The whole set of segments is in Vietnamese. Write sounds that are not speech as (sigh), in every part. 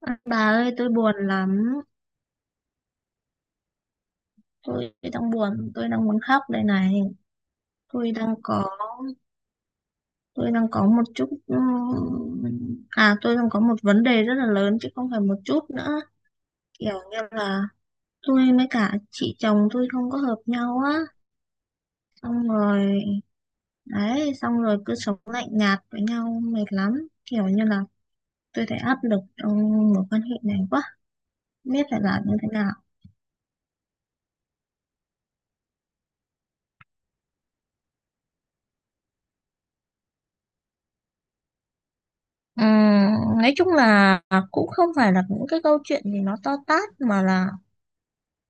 À, bà ơi, tôi buồn lắm. Tôi đang buồn, tôi đang muốn khóc đây này. Tôi đang có, tôi đang có một chút, à, Tôi đang có một vấn đề rất là lớn chứ không phải một chút nữa. Kiểu như là tôi với cả chị chồng tôi không có hợp nhau á. Xong rồi, đấy, xong rồi cứ sống lạnh nhạt với nhau mệt lắm. Kiểu như là tôi thấy áp lực trong mối quan hệ này quá. Không biết phải làm như thế nào. Ừm, nói chung là cũng không phải là những cái câu chuyện gì nó to tát mà là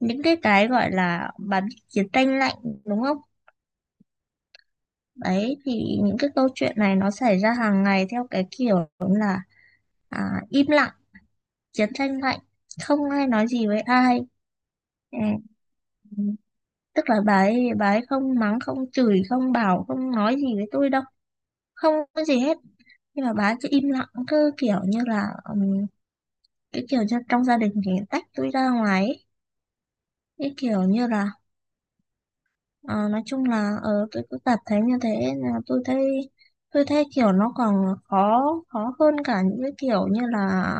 những cái gọi là bà biết chiến tranh lạnh đúng không? Đấy thì những cái câu chuyện này nó xảy ra hàng ngày theo cái kiểu là à, im lặng, chiến tranh lạnh, không ai nói gì với ai. Ừm, Tức là bà ấy không mắng, không chửi, không bảo, không nói gì với tôi đâu. Không có gì hết. Nhưng mà bà ấy cứ im lặng cứ kiểu như là cái kiểu như trong gia đình thì tách tôi ra ngoài ấy. Cái kiểu như là ờ, nói chung là ờ, tôi cứ cảm thấy như thế nên là tôi thấy kiểu nó còn khó khó hơn cả những cái kiểu như là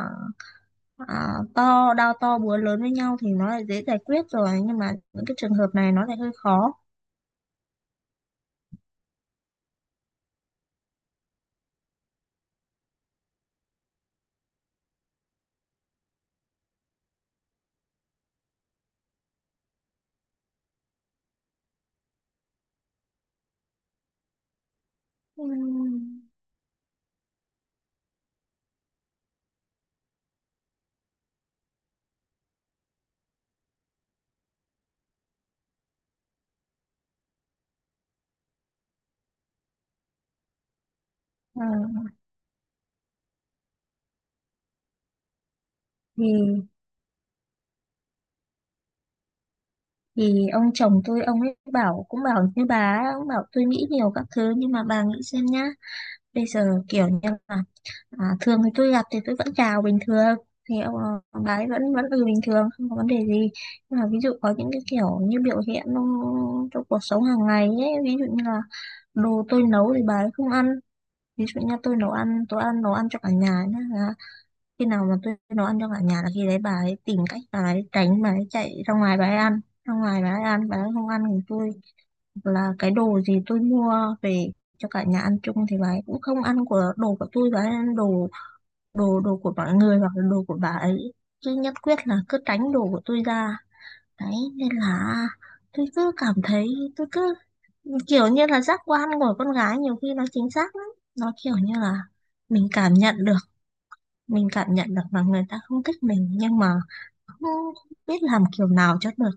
à, to đao to búa lớn với nhau thì nó lại dễ giải quyết rồi, nhưng mà những cái trường hợp này nó lại hơi khó. Ừm, ờ, thì thì ông chồng tôi ông ấy bảo cũng bảo như bà ấy, ông bảo tôi nghĩ nhiều các thứ nhưng mà bà nghĩ xem nhá, bây giờ kiểu như là à, thường thì tôi gặp thì tôi vẫn chào bình thường, thì ông đấy vẫn vẫn ừ bình thường không có vấn đề gì. Nhưng mà ví dụ có những cái kiểu như trong cuộc sống hàng ngày ấy, ví dụ như là đồ tôi nấu thì bà ấy không ăn. Ví dụ như tôi nấu ăn, tôi ăn nấu ăn cho cả nhà nhá, là khi nào mà tôi nấu ăn cho cả nhà là khi đấy bà ấy tìm cách bà ấy tránh, bà ấy chạy ra ngoài bà ấy ăn, ra ngoài bà ấy ăn, bà ấy không ăn thì tôi hoặc là cái đồ gì tôi mua về cho cả nhà ăn chung thì bà ấy cũng không ăn của đồ của tôi, và ăn đồ đồ đồ của mọi người hoặc là đồ của bà ấy, chứ nhất quyết là cứ tránh đồ của tôi ra. Đấy nên là tôi cứ cảm thấy, tôi cứ kiểu như là giác quan của con gái nhiều khi nó chính xác lắm. Nó kiểu như là mình cảm nhận được mình cảm nhận được là người ta không thích mình, nhưng mà không biết làm kiểu nào cho được.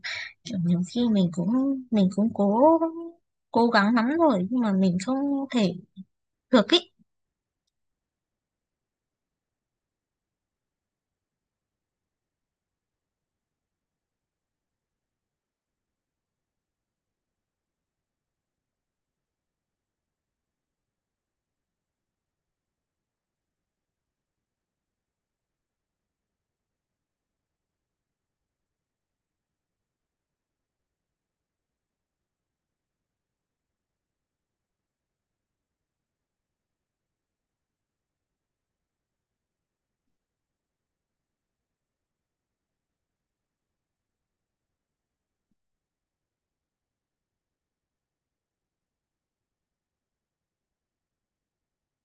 Kiểu nhiều khi mình cũng cố cố gắng lắm rồi nhưng mà mình không thể được ý.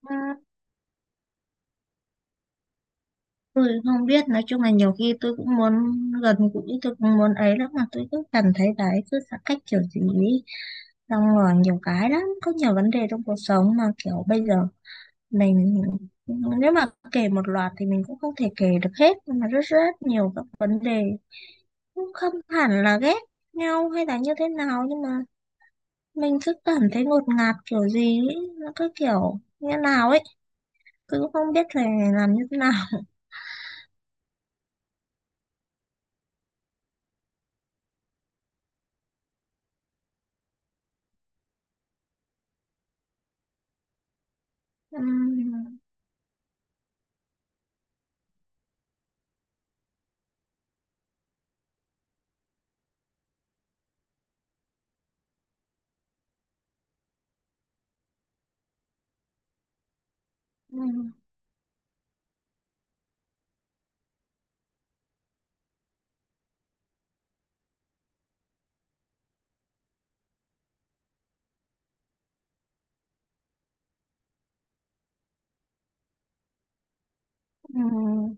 Ừ, tôi không biết, nói chung là nhiều khi tôi cũng muốn gần gũi, tôi cũng muốn ấy lắm mà tôi cứ cảm thấy đấy cứ xa cách kiểu gì ý. Xong rồi nhiều cái lắm, có nhiều vấn đề trong cuộc sống mà kiểu bây giờ mình nếu mà kể một loạt thì mình cũng không thể kể được hết, nhưng mà rất rất nhiều các vấn đề. Cũng không hẳn là ghét nhau hay là như thế nào nhưng mà mình cứ cảm thấy ngột ngạt kiểu gì ấy. Nó cứ kiểu như nào ấy, cứ không biết phải làm như thế nào. Ừm, ừm, ừm.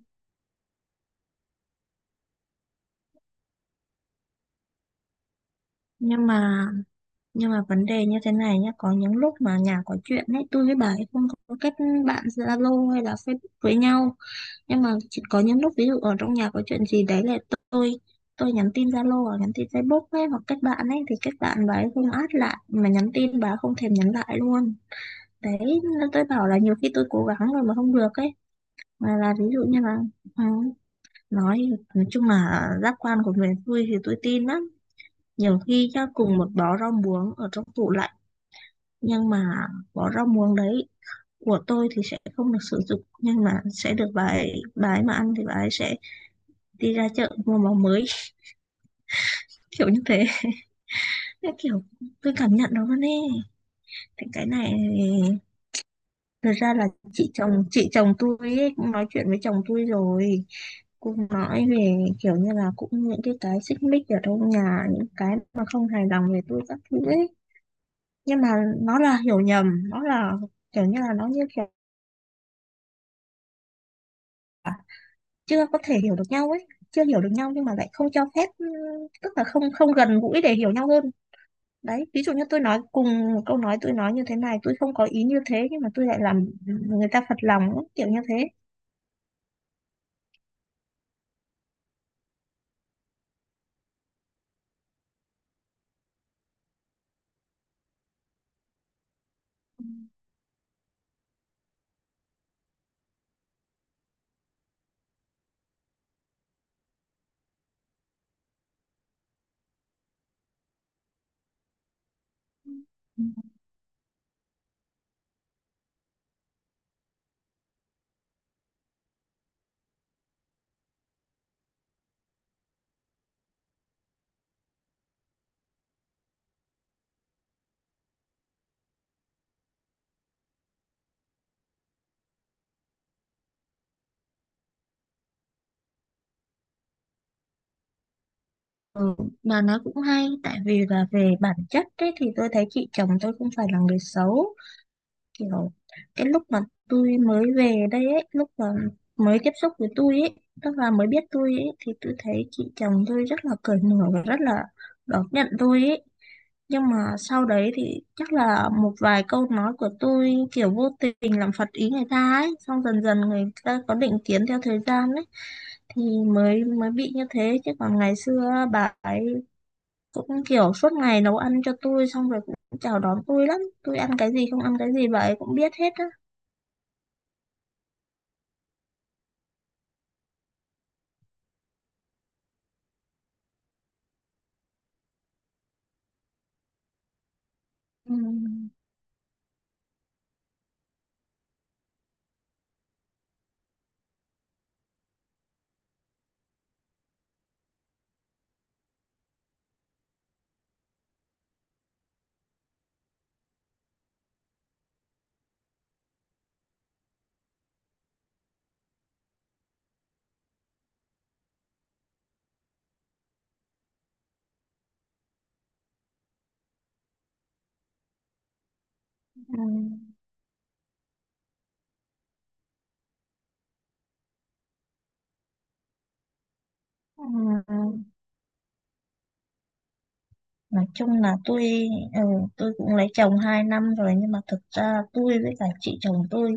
nhưng mà nhưng mà vấn đề như thế này nhá, có những lúc mà nhà có chuyện ấy, tôi với bà ấy không có kết bạn Zalo hay là Facebook với nhau. Nhưng mà chỉ có những lúc ví dụ ở trong nhà có chuyện gì đấy là tôi tôi nhắn tin Zalo hoặc nhắn tin Facebook ấy, hoặc kết bạn ấy, thì kết bạn bà ấy không add lại, mà nhắn tin bà ấy không thèm nhắn lại luôn. Đấy nên tôi bảo là nhiều khi tôi cố gắng rồi mà không được ấy. Mà là ví dụ như là ừ, nói nói chung là giác quan của miền xuôi thì tôi tin lắm. Nhiều khi nhá cùng một bó rau muống ở trong tủ lạnh, nhưng mà bó rau muống đấy của tôi thì sẽ không được sử dụng, nhưng mà sẽ được bà ấy, mà ăn thì bà ấy sẽ đi ra chợ mua máu mới. (laughs) Kiểu như thế. Thế kiểu tôi cảm nhận nó luôn ấy. Thì cái này thật ra là chị chồng tôi ấy, cũng nói chuyện với chồng tôi rồi, cũng nói về kiểu như là cũng những cái xích mích ở trong nhà, những cái mà không hài lòng về tôi các thứ ấy. Nhưng mà nó là hiểu nhầm, nó là kiểu như là nó như kiểu chưa có thể hiểu được nhau ấy, chưa hiểu được nhau nhưng mà lại không cho phép ừ, tức là không không gần gũi để hiểu nhau hơn. Đấy ví dụ như tôi nói cùng một câu nói, tôi nói như thế này tôi không có ý như thế nhưng mà tôi lại làm người ta phật lòng ấy, kiểu như thế. Ừ, mà nó cũng hay tại vì là về bản chất ấy, thì tôi thấy chị chồng tôi không phải là người xấu. Kiểu cái lúc mà tôi mới về đây ấy, lúc mà mới tiếp xúc với tôi ấy, tức là mới biết tôi ấy, thì tôi thấy chị chồng tôi rất là cởi mở và rất là đón nhận tôi ấy. Nhưng mà sau đấy thì chắc là một vài câu nói của tôi kiểu vô tình làm phật ý người ta ấy, xong dần dần người ta có định kiến theo thời gian ấy. Thì mới mới bị như thế, chứ còn ngày xưa bà ấy cũng kiểu suốt ngày nấu ăn cho tôi, xong rồi cũng chào đón tôi lắm, tôi ăn cái gì không ăn cái gì bà ấy cũng biết hết á. Ừ. Ừ, ừ, nói chung là tôi ừ, tôi cũng lấy chồng 2 năm rồi nhưng mà thực ra tôi với cả chị chồng tôi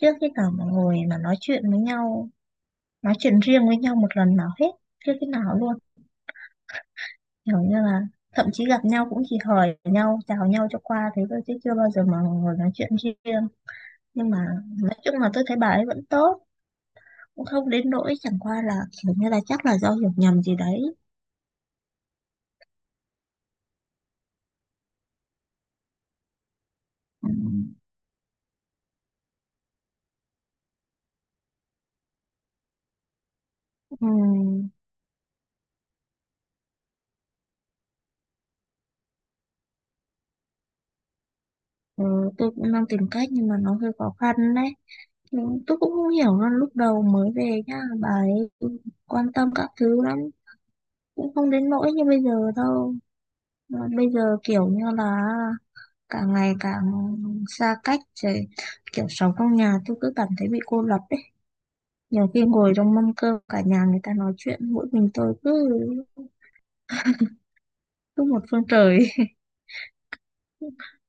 chưa khi nào mà ngồi mà nói chuyện với nhau, nói chuyện riêng với nhau một lần nào hết. Chưa khi nào luôn. Kiểu như là thậm chí gặp nhau cũng chỉ hỏi nhau, chào nhau cho qua thế thôi chứ chưa bao giờ mà ngồi nói chuyện riêng. Nhưng mà nói chung là tôi thấy bà ấy vẫn tốt, cũng không đến nỗi, chẳng qua là kiểu như là chắc là do hiểu nhầm gì đấy. Ừ. Ừ. Ừ, tôi cũng đang tìm cách nhưng mà nó hơi khó khăn đấy. Ừ, tôi cũng không hiểu luôn, lúc đầu mới về nhá, bà ấy quan tâm các thứ lắm, cũng không đến nỗi như bây giờ đâu. Ờ, bây giờ kiểu như là càng ngày càng xa cách rồi, kiểu sống trong nhà tôi cứ cảm thấy bị cô lập ấy. Nhiều khi ngồi trong mâm cơm cả nhà người ta nói chuyện mỗi mình tôi cứ cứ một phương trời. (laughs)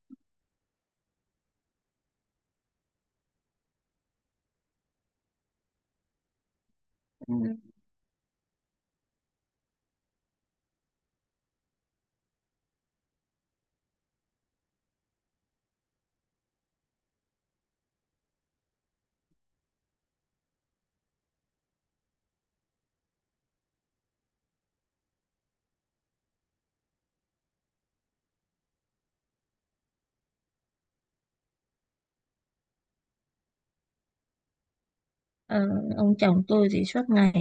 ờ, ông chồng tôi thì suốt ngày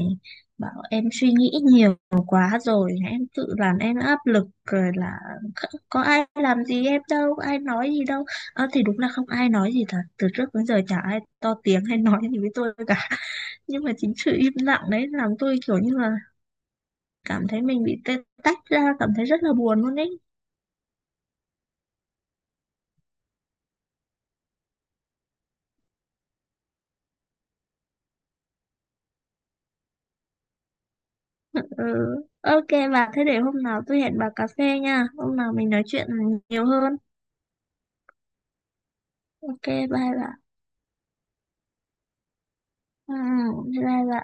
bảo em suy nghĩ nhiều quá rồi em tự làm em áp lực rồi là có ai làm gì em đâu, có ai nói gì đâu. Ờ, thì đúng là không ai nói gì thật, từ trước đến giờ chả ai to tiếng hay (laughs) nói gì với tôi cả. Nhưng mà chính sự im lặng đấy làm tôi kiểu như là cảm thấy mình bị tách ra, cảm thấy rất là buồn luôn ấy. Ừ. OK, bà thế để hôm nào tôi hẹn bà cà phê nha, hôm nào mình nói chuyện nhiều hơn. OK, bye bà. Ừ, bye bà.